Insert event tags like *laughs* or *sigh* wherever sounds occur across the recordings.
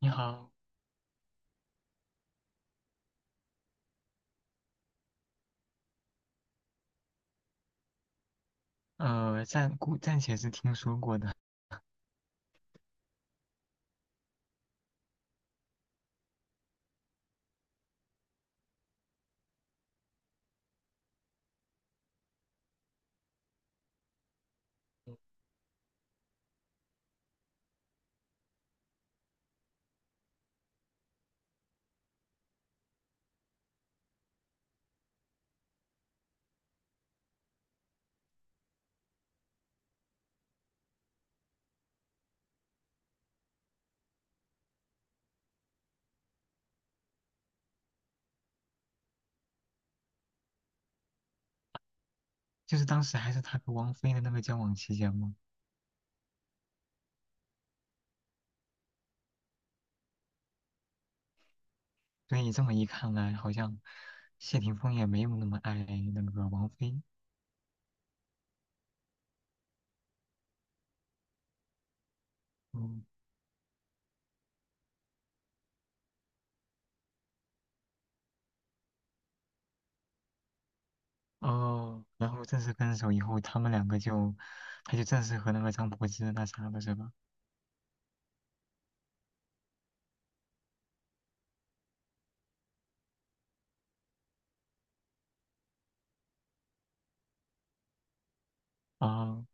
你好。暂且是听说过的。就是当时还是他和王菲的那个交往期间嘛。所以这么一看来，好像谢霆锋也没有那么爱那个王菲。嗯。哦，然后正式分手以后，他们两个就，他就正式和那个张柏芝那啥了，是吧？哦，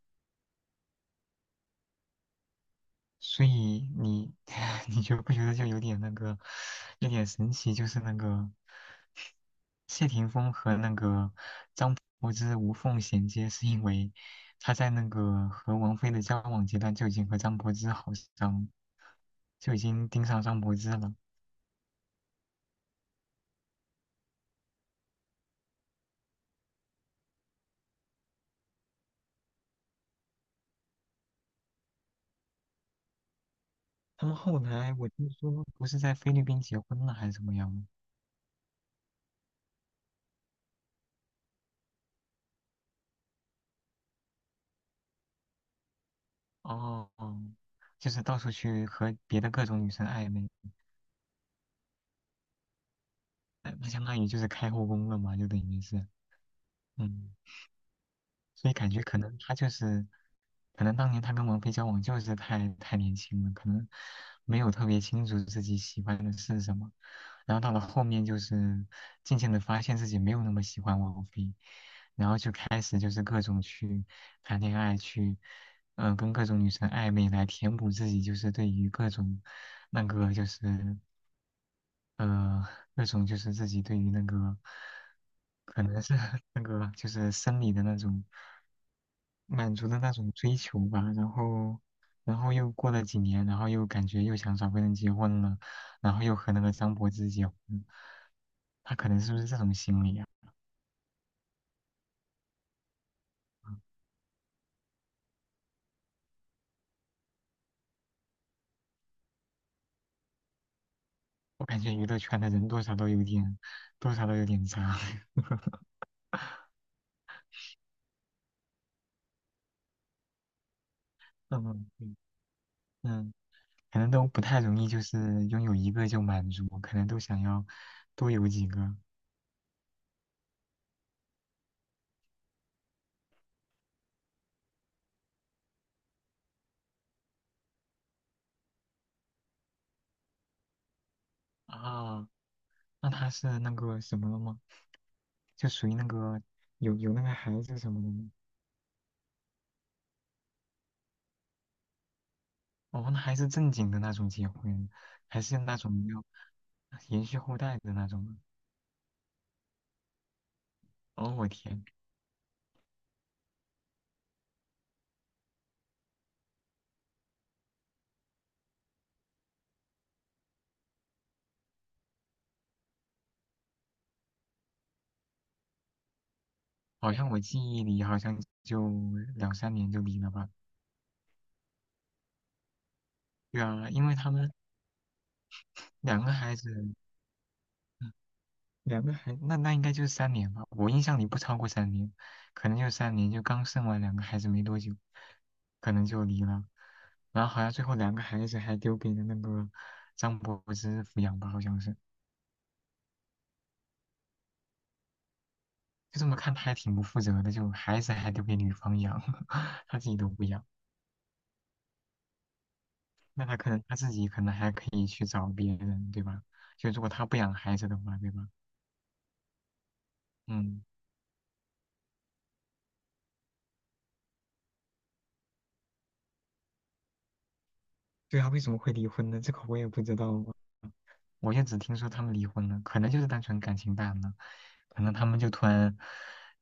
所以你 *laughs* 你觉不觉得就有点那个，有点神奇？就是那个谢霆锋和那个张柏芝无缝衔接，是因为他在那个和王菲的交往阶段就已经和张柏芝好上，就已经盯上张柏芝了。他们后来我听说不是在菲律宾结婚了还是怎么样？哦，就是到处去和别的各种女生暧昧。那相当于就是开后宫了嘛，就等于是。嗯。所以感觉可能他就是，可能当年他跟王菲交往就是太年轻了，可能没有特别清楚自己喜欢的是什么，然后到了后面就是渐渐的发现自己没有那么喜欢王菲，然后就开始就是各种去谈恋爱，去跟各种女生暧昧来填补自己就是对于各种那个就是呃，那种就是自己对于那个，可能是 *laughs* 那个就是生理的那种满足的那种追求吧。然后，又过了几年，然后又感觉又想找个人结婚了，然后又和那个张柏芝结婚。他可能是不是这种心理啊？我感觉娱乐圈的人多少都有点，多少都有点渣。*laughs* 嗯嗯，对。嗯，可能都不太容易，就是拥有一个就满足，可能都想要多有几个。啊。那他是那个什么了吗？就属于那个有那个孩子什么的吗？哦，那还是正经的那种结婚，还是那种要延续后代的那种吗？哦，我天。好像我记忆里好像就两三年就离了吧？对啊，因为他们两个孩子，两个孩，那应该就是三年吧。我印象里不超过三年，可能就三年，就刚生完两个孩子没多久，可能就离了。然后好像最后两个孩子还丢给了那个张柏芝抚养吧，好像是。就这么看，他还挺不负责的，就孩子还丢给女方养。*laughs* 他自己都不养。那他可能他自己可能还可以去找别人，对吧？就如果他不养孩子的话，对吧？嗯。对啊，为什么会离婚呢？这个我也不知道啊。我就只听说他们离婚了，可能就是单纯感情淡了，可能他们就突然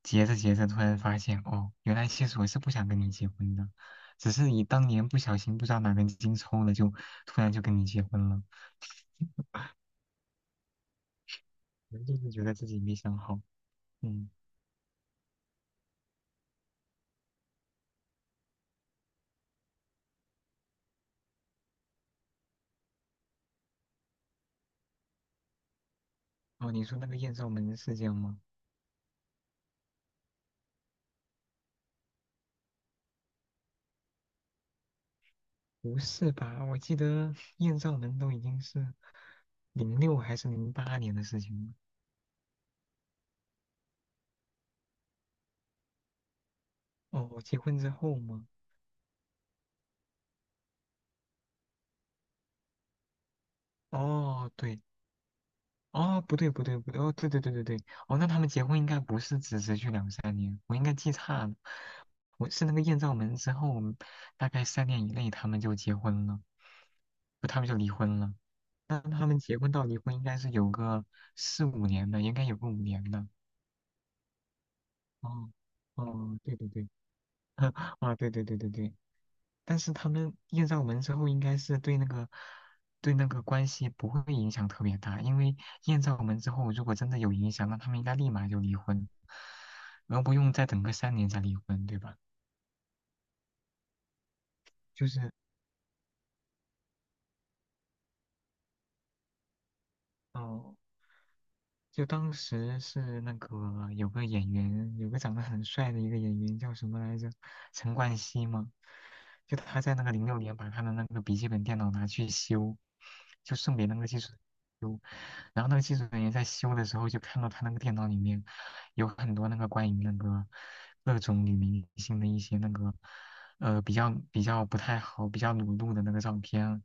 结着结着，突然发现哦，原来其实我是不想跟你结婚的，只是你当年不小心不知道哪根筋抽了，就突然就跟你结婚了。可能就是觉得自己没想好。嗯。哦，你说那个艳照门事件吗？不是吧？我记得艳照门都已经是零六还是08年的事情了。哦，结婚之后吗？哦，对，哦，不对，不对，不对，哦，对对对对对。哦，那他们结婚应该不是只持续两三年，我应该记差了。我是那个艳照门之后，大概三年以内他们就结婚了。不，他们就离婚了。那他们结婚到离婚应该是有个四五年的，应该有个五年的。哦。哦，对对对。*laughs* 啊，对对对对对。但是他们艳照门之后，应该是对那个关系不会影响特别大，因为艳照门之后，如果真的有影响，那他们应该立马就离婚，然后不用再等个三年再离婚，对吧？就是，嗯、就当时是那个有个演员，有个长得很帅的一个演员叫什么来着？陈冠希吗？就他在那个06年把他的那个笔记本电脑拿去修，就送给那个技术修。然后那个技术人员在修的时候就看到他那个电脑里面有很多那个关于那个各种女明星的一些那个比较不太好、比较裸露的那个照片，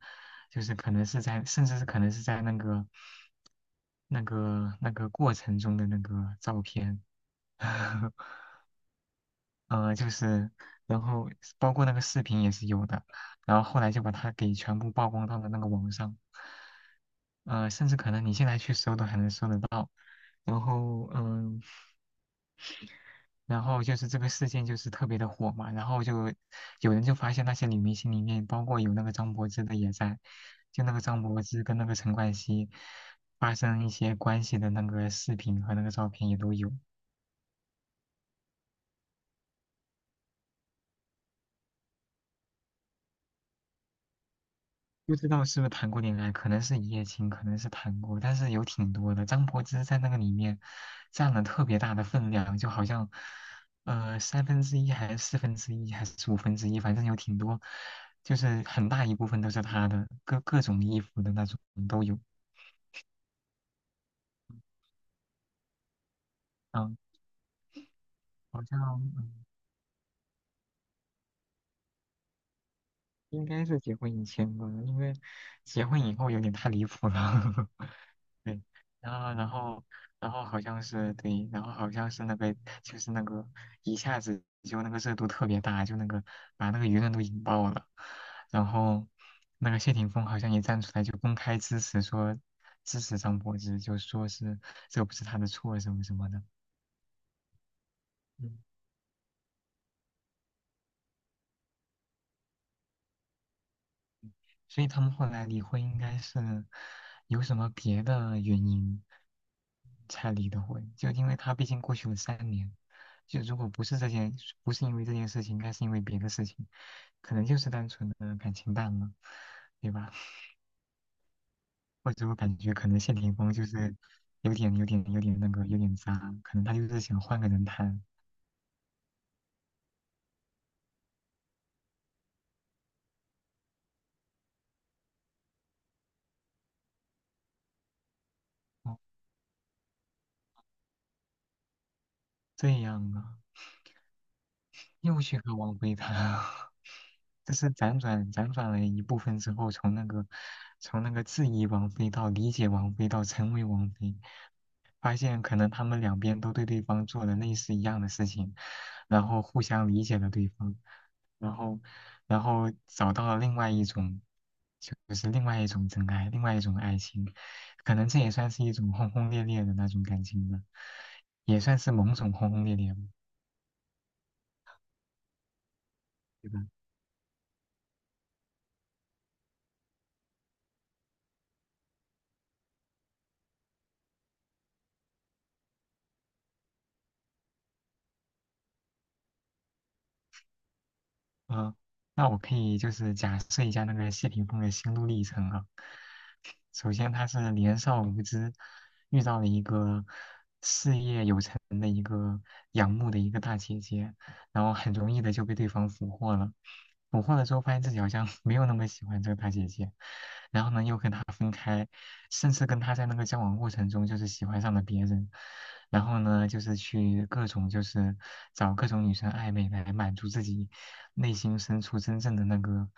就是可能是在，甚至是可能是在那个过程中的那个照片。*laughs* 就是然后包括那个视频也是有的，然后后来就把它给全部曝光到了那个网上。甚至可能你现在去搜都还能搜得到。然后嗯、然后就是这个事件就是特别的火嘛，然后就有人就发现那些女明星里面，包括有那个张柏芝的也在，就那个张柏芝跟那个陈冠希发生一些关系的那个视频和那个照片也都有。不知道是不是谈过恋爱，可能是一夜情，可能是谈过，但是有挺多的。张柏芝在那个里面占了特别大的分量，就好像，1/3还是1/4还是1/5，反正有挺多，就是很大一部分都是她的，各种衣服的那种都有。嗯，好像嗯应该是结婚以前吧，因为结婚以后有点太离谱了。*laughs* 对，然后然后然后好像是对，然后好像是那个就是那个一下子就那个热度特别大，就那个把那个舆论都引爆了。然后那个谢霆锋好像也站出来就公开支持说支持张柏芝，就说是这不是他的错什么什么的。嗯所以他们后来离婚应该是有什么别的原因才离的婚，就因为他毕竟过去了三年，就如果不是这件，不是因为这件事情，应该是因为别的事情，可能就是单纯的感情淡了，对吧？*laughs* 或者我感觉可能谢霆锋就是有点那个有点渣，可能他就是想换个人谈。哦，这样啊。又去和王菲谈啊。*laughs* 这是辗转了一部分之后，从那个质疑王菲到理解王菲到成为王菲，发现可能他们两边都对对方做了类似一样的事情，然后互相理解了对方，然后然后找到了另外一种，就是另外一种真爱，另外一种爱情。可能这也算是一种轰轰烈烈的那种感情吧，也算是某种轰轰烈烈，对吧。嗯，那我可以就是假设一下那个谢霆锋的心路历程啊。首先他是年少无知，遇到了一个事业有成的一个仰慕的一个大姐姐，然后很容易的就被对方俘获了。俘获了之后，发现自己好像 *laughs* 没有那么喜欢这个大姐姐，然后呢又跟她分开，甚至跟她在那个交往过程中就是喜欢上了别人，然后呢就是去各种就是找各种女生暧昧来满足自己内心深处真正的那个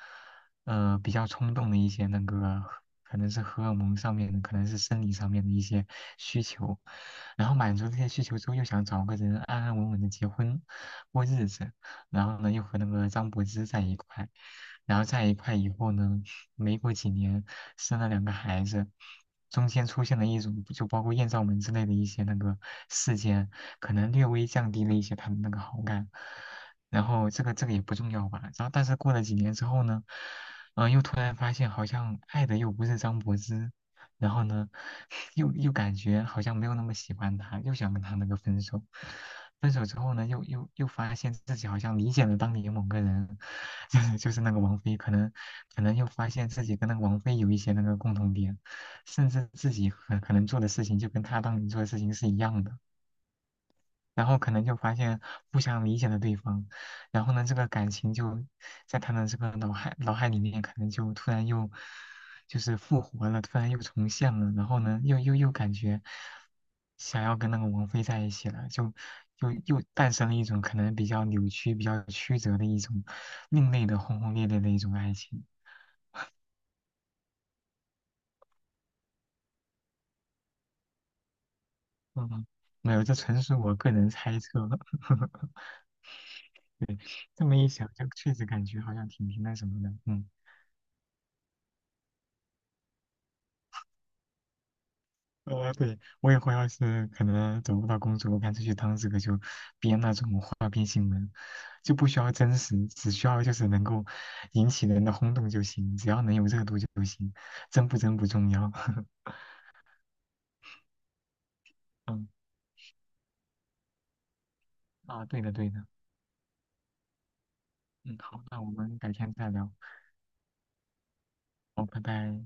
比较冲动的一些那个。可能是荷尔蒙上面的，可能是生理上面的一些需求。然后满足这些需求之后，又想找个人安安稳稳的结婚过日子，然后呢，又和那个张柏芝在一块，然后在一块以后呢，没过几年生了两个孩子，中间出现了一种就包括艳照门之类的一些那个事件，可能略微降低了一些他的那个好感。然后这个也不重要吧。然后但是过了几年之后呢，又突然发现好像爱的又不是张柏芝。然后呢，*laughs* 又感觉好像没有那么喜欢他，又想跟他那个分手。分手之后呢，又发现自己好像理解了当年某个人，*laughs* 就是那个王菲。可能又发现自己跟那个王菲有一些那个共同点，甚至自己可能做的事情就跟他当年做的事情是一样的。然后可能就发现互相理解了对方，然后呢，这个感情就在他的这个脑海里面，可能就突然又就是复活了，突然又重现了，然后呢，又感觉想要跟那个王菲在一起了，就又诞生了一种可能比较扭曲、比较曲折的一种另类的轰轰烈烈的一种爱情。嗯，没有，这纯属我个人猜测。*laughs* 这么一想，就确实感觉好像挺那什么的。嗯。对，我以后要是可能找不到工作，我干脆去当这个，就编那种花边新闻，就不需要真实，只需要就是能够引起人的轰动就行，只要能有热度就行，真不真不重要。*laughs* 嗯，啊，对的对的。嗯，好，那我们改天再聊。好，拜拜。